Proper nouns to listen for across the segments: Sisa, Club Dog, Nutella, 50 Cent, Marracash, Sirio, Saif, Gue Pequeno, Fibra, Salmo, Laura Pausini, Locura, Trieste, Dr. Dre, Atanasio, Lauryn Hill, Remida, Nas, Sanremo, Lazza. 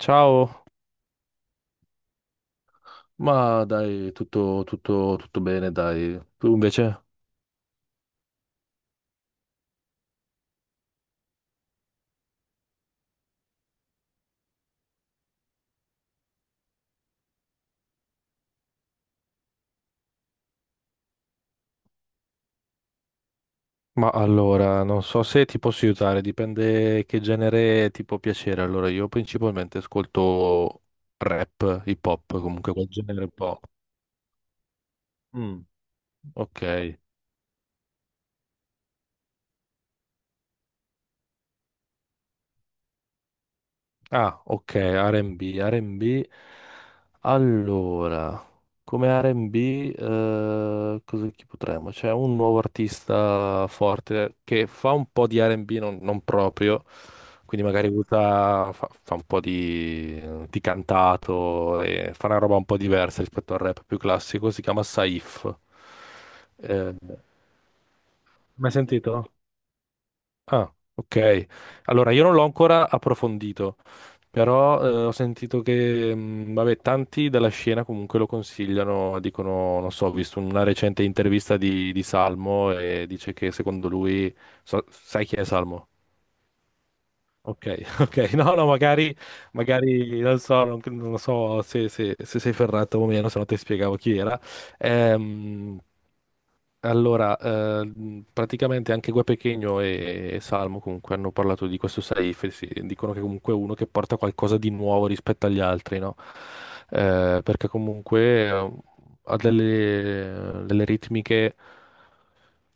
Ciao, ma dai, tutto, tutto, tutto bene, dai. Tu invece? Ma allora, non so se ti posso aiutare, dipende che genere ti può piacere. Allora, io principalmente ascolto rap, hip hop, comunque quel genere un po'. Mm, ok. Ah, ok, R&B, R&B. Allora, come R&B, cosa chi potremmo? C'è un nuovo artista forte che fa un po' di R&B, non proprio, quindi magari usa, fa un po' di, cantato, e fa una roba un po' diversa rispetto al rap più classico, si chiama Saif. Eh, Mai sentito? Ah, ok. Allora, io non l'ho ancora approfondito, però ho sentito che, vabbè, tanti della scena comunque lo consigliano, dicono, non so, ho visto una recente intervista di, Salmo, e dice che secondo lui, sai chi è Salmo? Ok, ok, no, no, magari, non so se sei ferrato o meno, se no ti spiegavo chi era. Ehm, allora, praticamente anche Gue Pequeno e, Salmo comunque hanno parlato di questo Saif, dicono che comunque è uno che porta qualcosa di nuovo rispetto agli altri, no? Perché comunque ha delle, ritmiche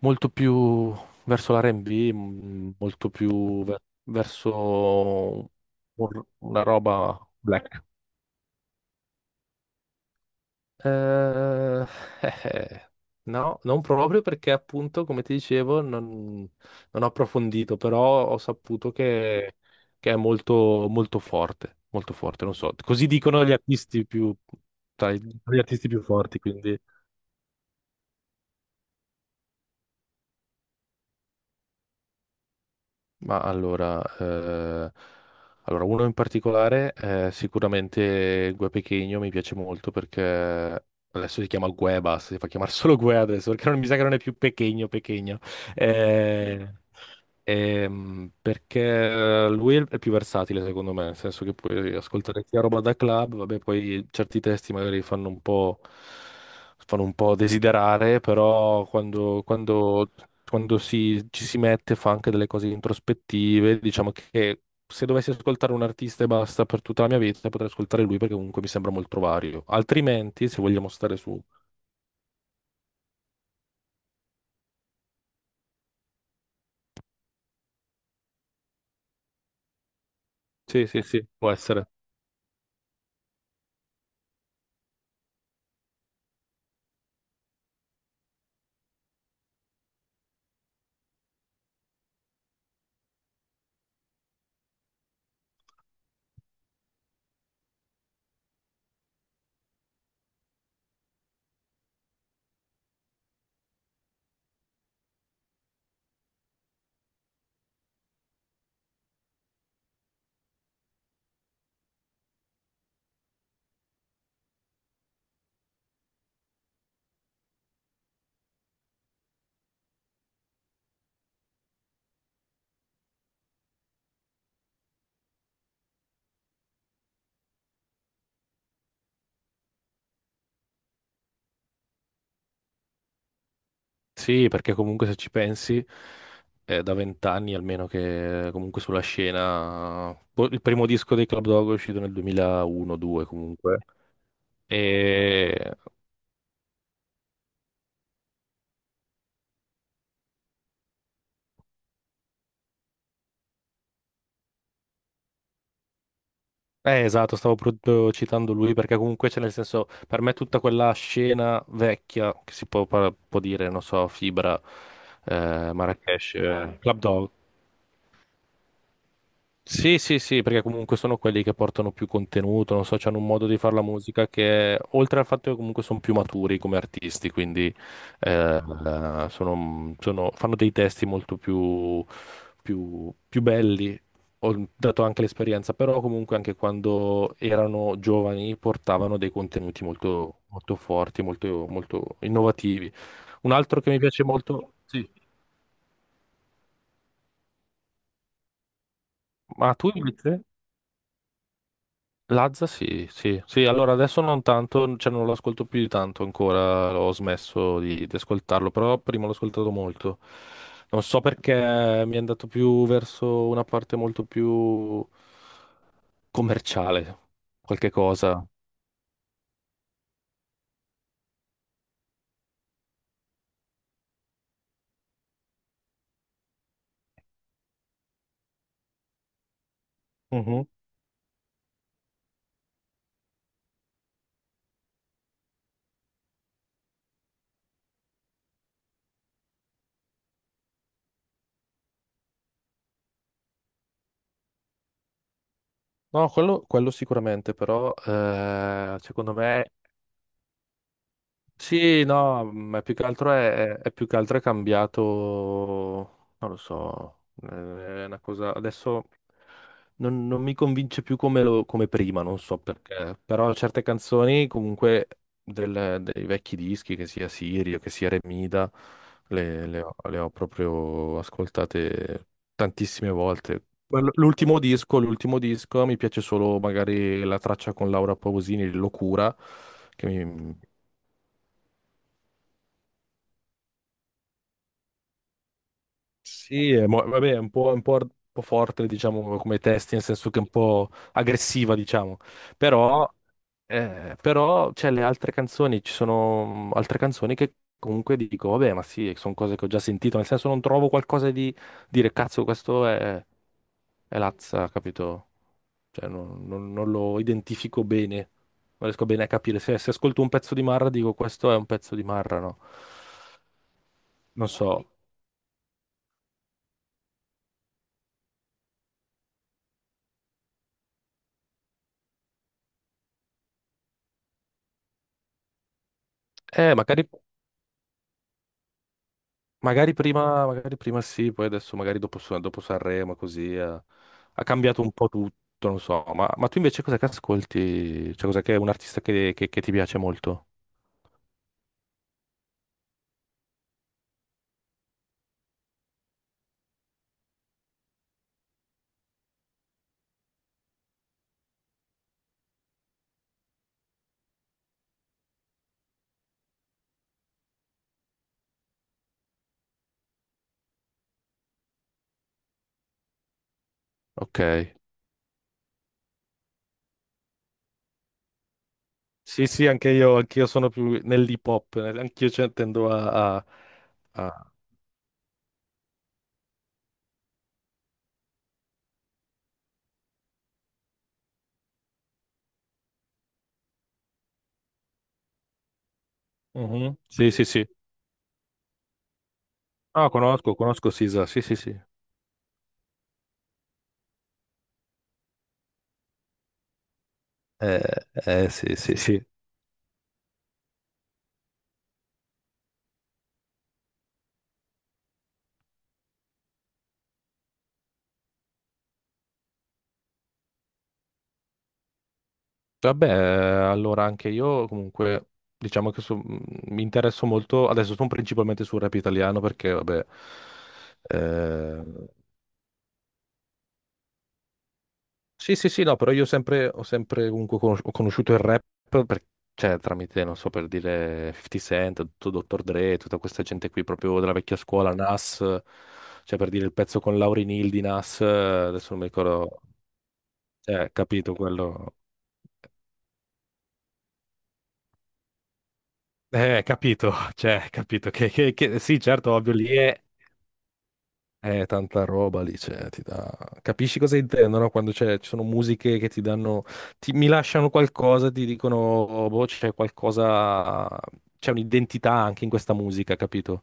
molto più verso l'R&B, molto più verso una roba black. Eh, eh, eh. No, non proprio perché appunto, come ti dicevo, non ho approfondito, però ho saputo che, è molto, molto forte, non so. Così dicono gli artisti più, gli artisti più forti, quindi. Ma allora, allora, uno in particolare, sicuramente Gue Pequeno mi piace molto perché adesso si chiama Gue, basta, si fa chiamare solo Gue adesso perché non mi sa che non è più Pequeno, Pequeno. Eh, Perché lui è il è più versatile, secondo me, nel senso che puoi ascoltare sia roba da club, vabbè, poi certi testi magari fanno un po', desiderare, però quando, ci si mette fa anche delle cose introspettive. Diciamo che se dovessi ascoltare un artista e basta per tutta la mia vita, potrei ascoltare lui perché comunque mi sembra molto vario. Altrimenti, se vogliamo stare su. Sì, sì, sì, può essere. Sì, perché comunque se ci pensi, è da vent'anni almeno che comunque sulla scena. Boh, il primo disco dei Club Dog è uscito nel 2001-2 comunque. E. Esatto, stavo proprio citando lui perché comunque c'è nel senso, per me tutta quella scena vecchia, che si può, può dire, non so, Fibra, Marracash, Club Dog. Sì, sì, sì, perché comunque sono quelli che portano più contenuto, non so, hanno un modo di fare la musica che, oltre al fatto che comunque sono più maturi come artisti, quindi eh, fanno dei testi molto più belli, ho dato anche l'esperienza, però comunque anche quando erano giovani portavano dei contenuti molto, molto forti, molto, molto innovativi. Un altro che mi piace molto. Sì. Ma tu invece? Lazza sì, sì, sì, allora adesso non tanto, cioè non lo ascolto più di tanto ancora, ho smesso di, ascoltarlo, però prima l'ho ascoltato molto. Non so perché mi è andato più verso una parte molto più commerciale, qualche cosa. Mhm. No, quello sicuramente, però secondo me. Sì, no, ma più che altro è, è più che altro è cambiato, non lo so, è una cosa, adesso non mi convince più come, come prima, non so perché, però certe canzoni comunque dei vecchi dischi, che sia Sirio, che sia Remida, le ho, proprio ascoltate tantissime volte. L'ultimo disco, mi piace solo magari la traccia con Laura Pausini, Locura, che mi, Sì, vabbè, è un po' forte, diciamo, come testi, nel senso che è un po' aggressiva, diciamo. Però, però c'è le altre canzoni, ci sono altre canzoni che comunque dico, vabbè, ma sì, sono cose che ho già sentito, nel senso non trovo qualcosa di dire, cazzo, questo è, Lazza, capito? Cioè, non lo identifico bene, non riesco bene a capire. Se ascolto un pezzo di Marra, dico, questo è un pezzo di Marra, no? Non so. Eh, magari... Magari prima, sì, poi adesso magari dopo, dopo Sanremo così ha cambiato un po' tutto, non so. Ma tu invece cosa che ascolti? Cioè cosa che è un artista che ti piace molto? Ok. Sì, sì, anch'io sono più nell'hip hop, anch'io cioè, tendo a. Mhm. Sì, sì, sì. Ah, conosco Sisa, sì, sì, sì. Eh, sì, sì, sì. Vabbè, allora anche io comunque diciamo che mi interesso molto, adesso sono principalmente sul rap italiano perché vabbè, eh, sì sì sì no, però ho sempre comunque ho conosciuto il rap per- cioè, tramite, non so, per dire 50 Cent, tutto Dr. Dre, tutta questa gente qui proprio della vecchia scuola, Nas, cioè per dire il pezzo con Lauryn Hill di Nas, adesso non mi ricordo, cioè capito quello. Capito, cioè, capito sì, certo, ovvio, lì è, tanta roba lì, cioè, ti dà. Capisci cosa intendono quando ci sono musiche che ti danno... mi lasciano qualcosa, ti dicono, "Oh, boh, c'è qualcosa... c'è un'identità anche in questa musica, capito?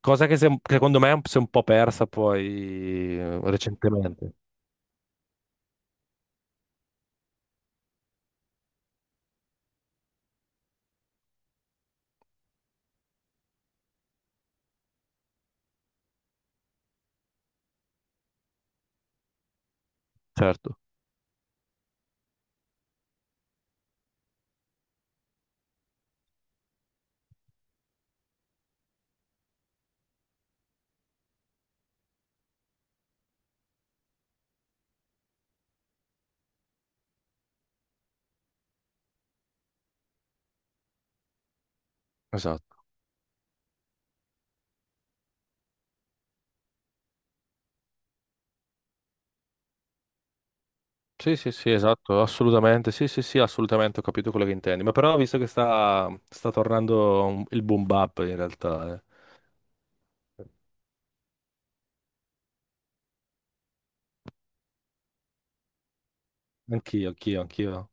Cosa che, che secondo me si è un po' persa poi recentemente. Certo, esatto. Sì, sì, sì, esatto, assolutamente, sì, sì, sì, assolutamente, ho capito quello che intendi. Ma però ho visto che sta, tornando il boom bap in realtà, eh. Anch'io, anch'io, anch'io.